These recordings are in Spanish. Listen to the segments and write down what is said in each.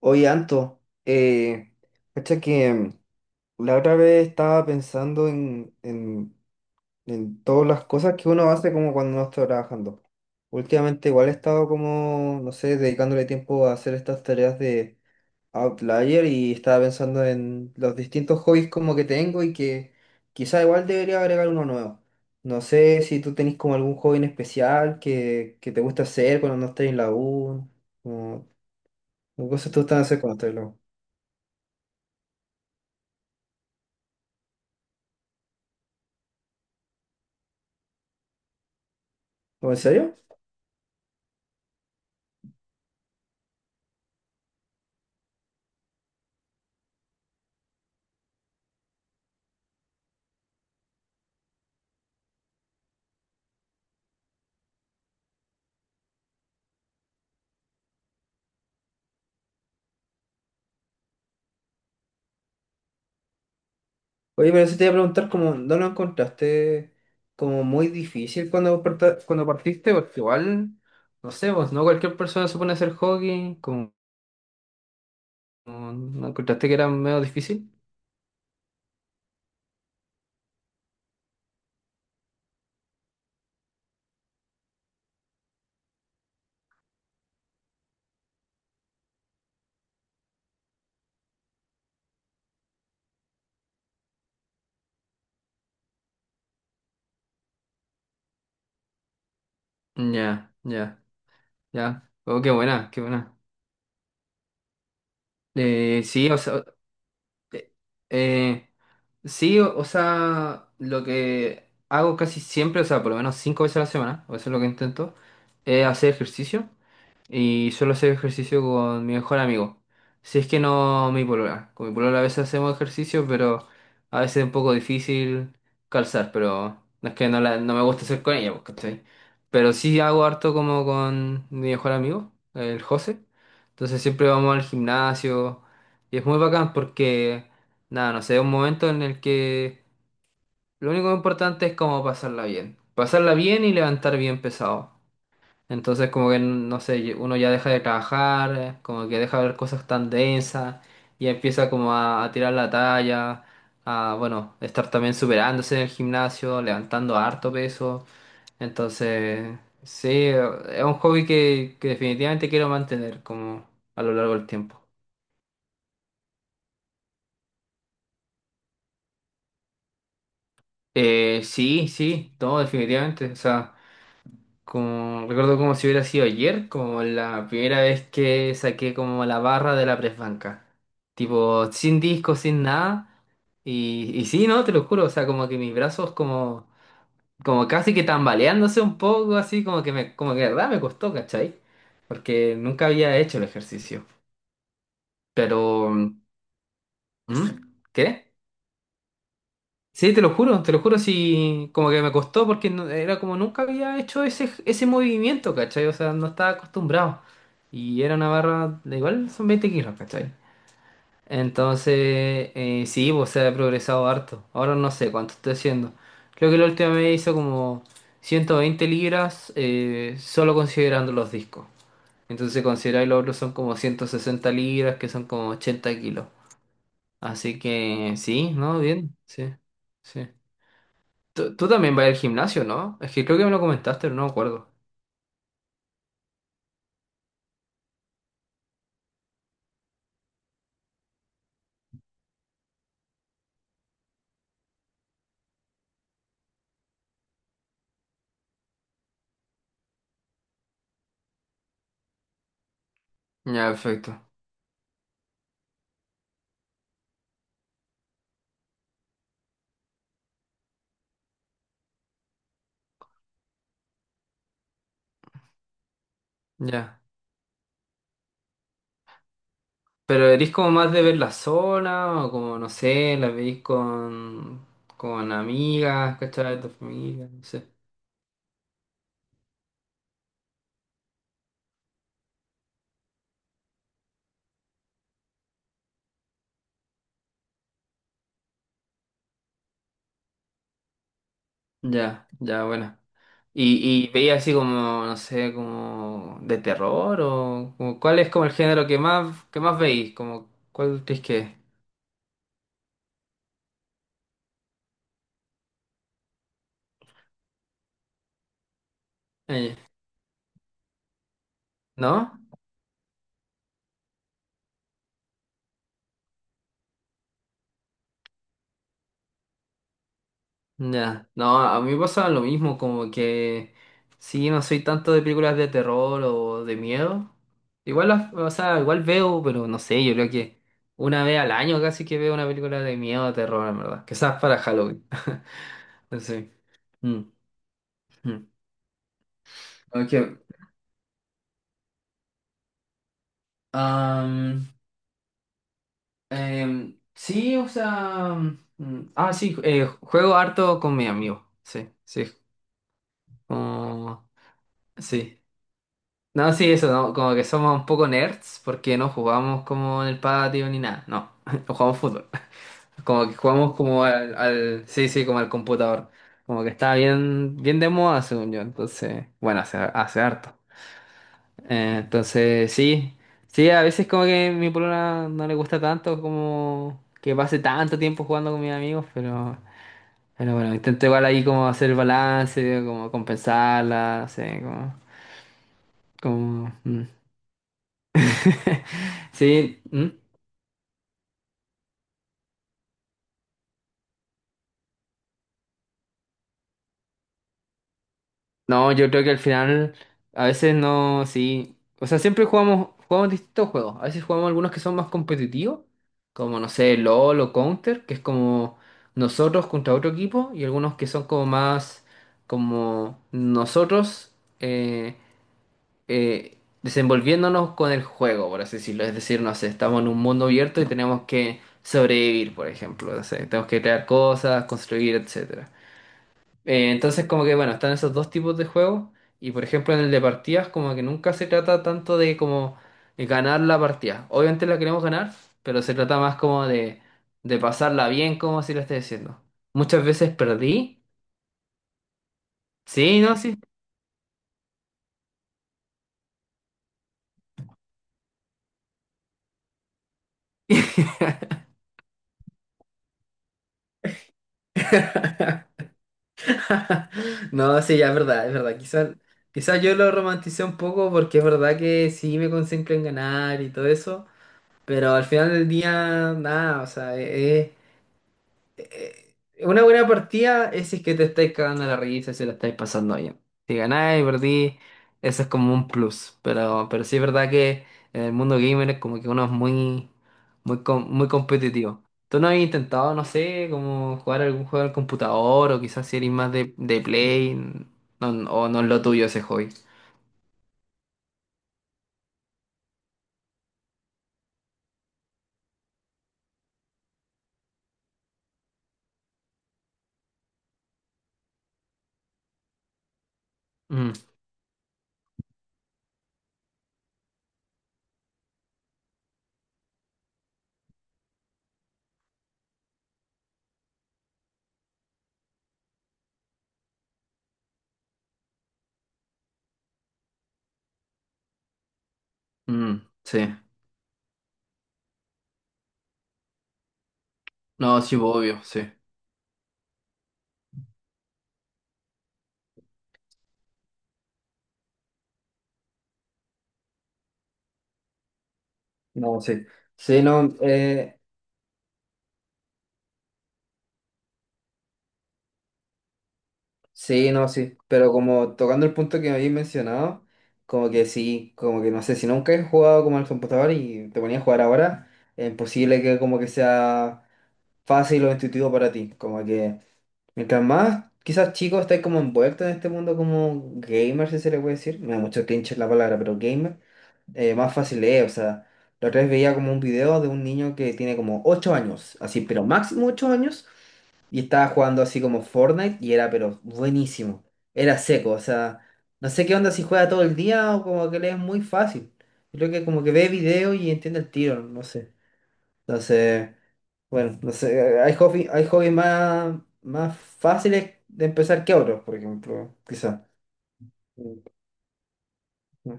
Oye, Anto, cacha que la otra vez estaba pensando en todas las cosas que uno hace como cuando no está trabajando. Últimamente igual he estado como, no sé, dedicándole tiempo a hacer estas tareas de Outlier y estaba pensando en los distintos hobbies como que tengo y que quizá igual debería agregar uno nuevo. No sé si tú tenés como algún hobby en especial que te gusta hacer cuando no estás en la U, como, como cosas que te gustan hacer cuando estás en la U. ¿O en serio? Oye, pero eso te iba a preguntar, como, ¿no lo encontraste como muy difícil cuando, cuando partiste? Porque igual, no sé, vos, ¿no? Cualquier persona se pone a hacer hockey, ¿no encontraste que era medio difícil? Ya, ya, ya. Oh, qué buena, qué buena. Sí, o sea, eh, eh, sí, o sea, lo que hago casi siempre, o sea, por lo menos 5 veces a la semana, o eso es lo que intento, es hacer ejercicio. Y suelo hacer ejercicio con mi mejor amigo. Si es que no mi polola. Con mi polola a veces hacemos ejercicio, pero a veces es un poco difícil calzar, pero no es que no, no me gusta hacer con ella, pues, ¿cachai? Pero sí hago harto como con mi mejor amigo, el José. Entonces siempre vamos al gimnasio y es muy bacán porque, nada, no sé, es un momento en el que lo único importante es como pasarla bien. Pasarla bien y levantar bien pesado. Entonces como que, no sé, uno ya deja de trabajar, como que deja de ver cosas tan densas y empieza como a tirar la talla, a, bueno, estar también superándose en el gimnasio, levantando harto peso. Entonces, sí, es un hobby que definitivamente quiero mantener como a lo largo del tiempo. Sí, sí, no, definitivamente. O sea, como, recuerdo como si hubiera sido ayer, como la primera vez que saqué como la barra de la presbanca. Tipo, sin disco, sin nada. Y sí, ¿no? Te lo juro, o sea, como que mis brazos como, como casi que tambaleándose un poco, así como que me, como que de verdad me costó, ¿cachai? Porque nunca había hecho el ejercicio. Pero, ¿mm? ¿Qué? Sí, te lo juro, sí, como que me costó porque era como nunca había hecho ese movimiento, ¿cachai? O sea, no estaba acostumbrado. Y era una barra, de igual son 20 kilos, ¿cachai? Entonces, sí, pues se ha progresado harto. Ahora no sé cuánto estoy haciendo. Creo que la última vez hizo como 120 libras, solo considerando los discos. Entonces, considerar los otros son como 160 libras, que son como 80 kilos. Así que sí, ¿no? Bien, sí, sí. Tú también vas al gimnasio, ¿no? Es que creo que me lo comentaste, pero no me acuerdo. Ya, perfecto. Ya. Pero eres como más de ver la zona, o como, no sé, la veis con amigas, ¿cachai? De tu familia, no sé. Ya, ya, bueno. ¿Y veías así como, no sé, como de terror, o como cuál es como el género que más veis? Como, ¿cuál crees que es? Eh, ¿No? Ya, no, a mí me pasa lo mismo, como que sí, no soy tanto de películas de terror o de miedo. Igual las, o sea, igual veo, pero no sé, yo creo que 1 vez al año casi que veo una película de miedo o terror, en verdad. Quizás para Halloween. Sí. Mm, mm. Okay. Am, sí, o sea, sí, juego harto con mi amigo. Sí, sí. como- sí. No, sí, eso, no, como que somos un poco nerds porque no jugamos como en el patio ni nada, no, no jugamos fútbol, como que jugamos como sí, sí, como al computador, como que está bien, bien de moda según yo, entonces, bueno, hace harto. Entonces, sí, sí, a veces como que mi polola no le gusta tanto como que pase tanto tiempo jugando con mis amigos, pero bueno, intento igual ahí como hacer balance, como compensarla, no sé, como, como, mm. Sí, ¿mm? No, yo creo que al final a veces no, sí. O sea, siempre jugamos, jugamos distintos juegos. A veces jugamos algunos que son más competitivos, como no sé, LOL o Counter, que es como nosotros contra otro equipo, y algunos que son como más como nosotros eh, desenvolviéndonos con el juego, por así decirlo. Es decir, no sé, estamos en un mundo abierto y tenemos que sobrevivir, por ejemplo. No sé, tenemos que crear cosas, construir, etc. Entonces, como que bueno, están esos dos tipos de juegos. Y por ejemplo, en el de partidas, como que nunca se trata tanto de como de ganar la partida. Obviamente la queremos ganar, pero se trata más como de pasarla bien, como si lo esté diciendo. Muchas veces perdí. Sí, no, sí. No, sí, ya es verdad, es verdad. Quizás yo lo romanticé un poco porque es verdad que sí me concentro en ganar y todo eso. Pero al final del día, nada, o sea, es, eh, una buena partida es si es que te estáis cagando la risa, si la estáis pasando bien. Si ganáis, perdí, eso es como un plus. Pero sí es verdad que en el mundo gamer es como que uno es muy, muy, muy competitivo. ¿Tú no has intentado, no sé, como jugar algún juego al computador o quizás si eres más de Play o no es lo tuyo ese hobby? Mm, mm, sí. No, sí, obvio, sí. No, sí. Sí, no, sí, no, sí, pero como tocando el punto que me habéis mencionado, como que sí, como que no sé, si nunca he jugado como al computador y te ponías a jugar ahora, es imposible que como que sea fácil o intuitivo para ti, como que mientras más, quizás chicos, estáis como envueltos en este mundo como gamer, si se le puede decir. Me da mucho cringe la palabra, pero gamer. Más fácil es, o sea, la otra vez veía como un video de un niño que tiene como 8 años, así, pero máximo 8 años, y estaba jugando así como Fortnite y era, pero buenísimo, era seco, o sea, no sé qué onda si juega todo el día o como que le es muy fácil. Yo creo que como que ve video y entiende el tiro, no sé. Entonces... Bueno, no sé, hay hobbies más, más fáciles de empezar que otros, por ejemplo, quizá. Mm. Mm,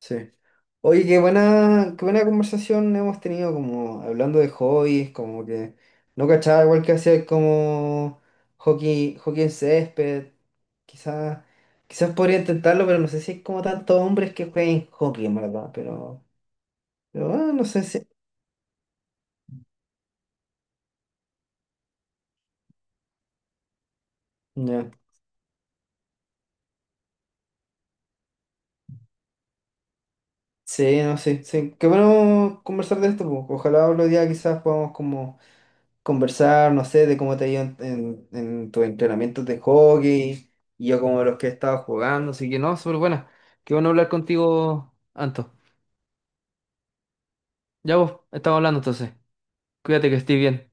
sí. Oye, qué buena conversación hemos tenido como hablando de hobbies, como que no cachaba igual que hacer como hockey en césped. Quizás, quizás podría intentarlo, pero no sé si hay como tantos hombres que jueguen hockey, en verdad, pero no sé si. Ya. Sí, no sé, sí. Qué bueno conversar de esto, po. Ojalá otro día quizás podamos como conversar, no sé, de cómo te ha ido en tus entrenamientos de hockey y yo como de los que he estado jugando, así que no, súper buena. Qué bueno hablar contigo, Anto. Ya vos, estamos hablando entonces. Cuídate que estés bien.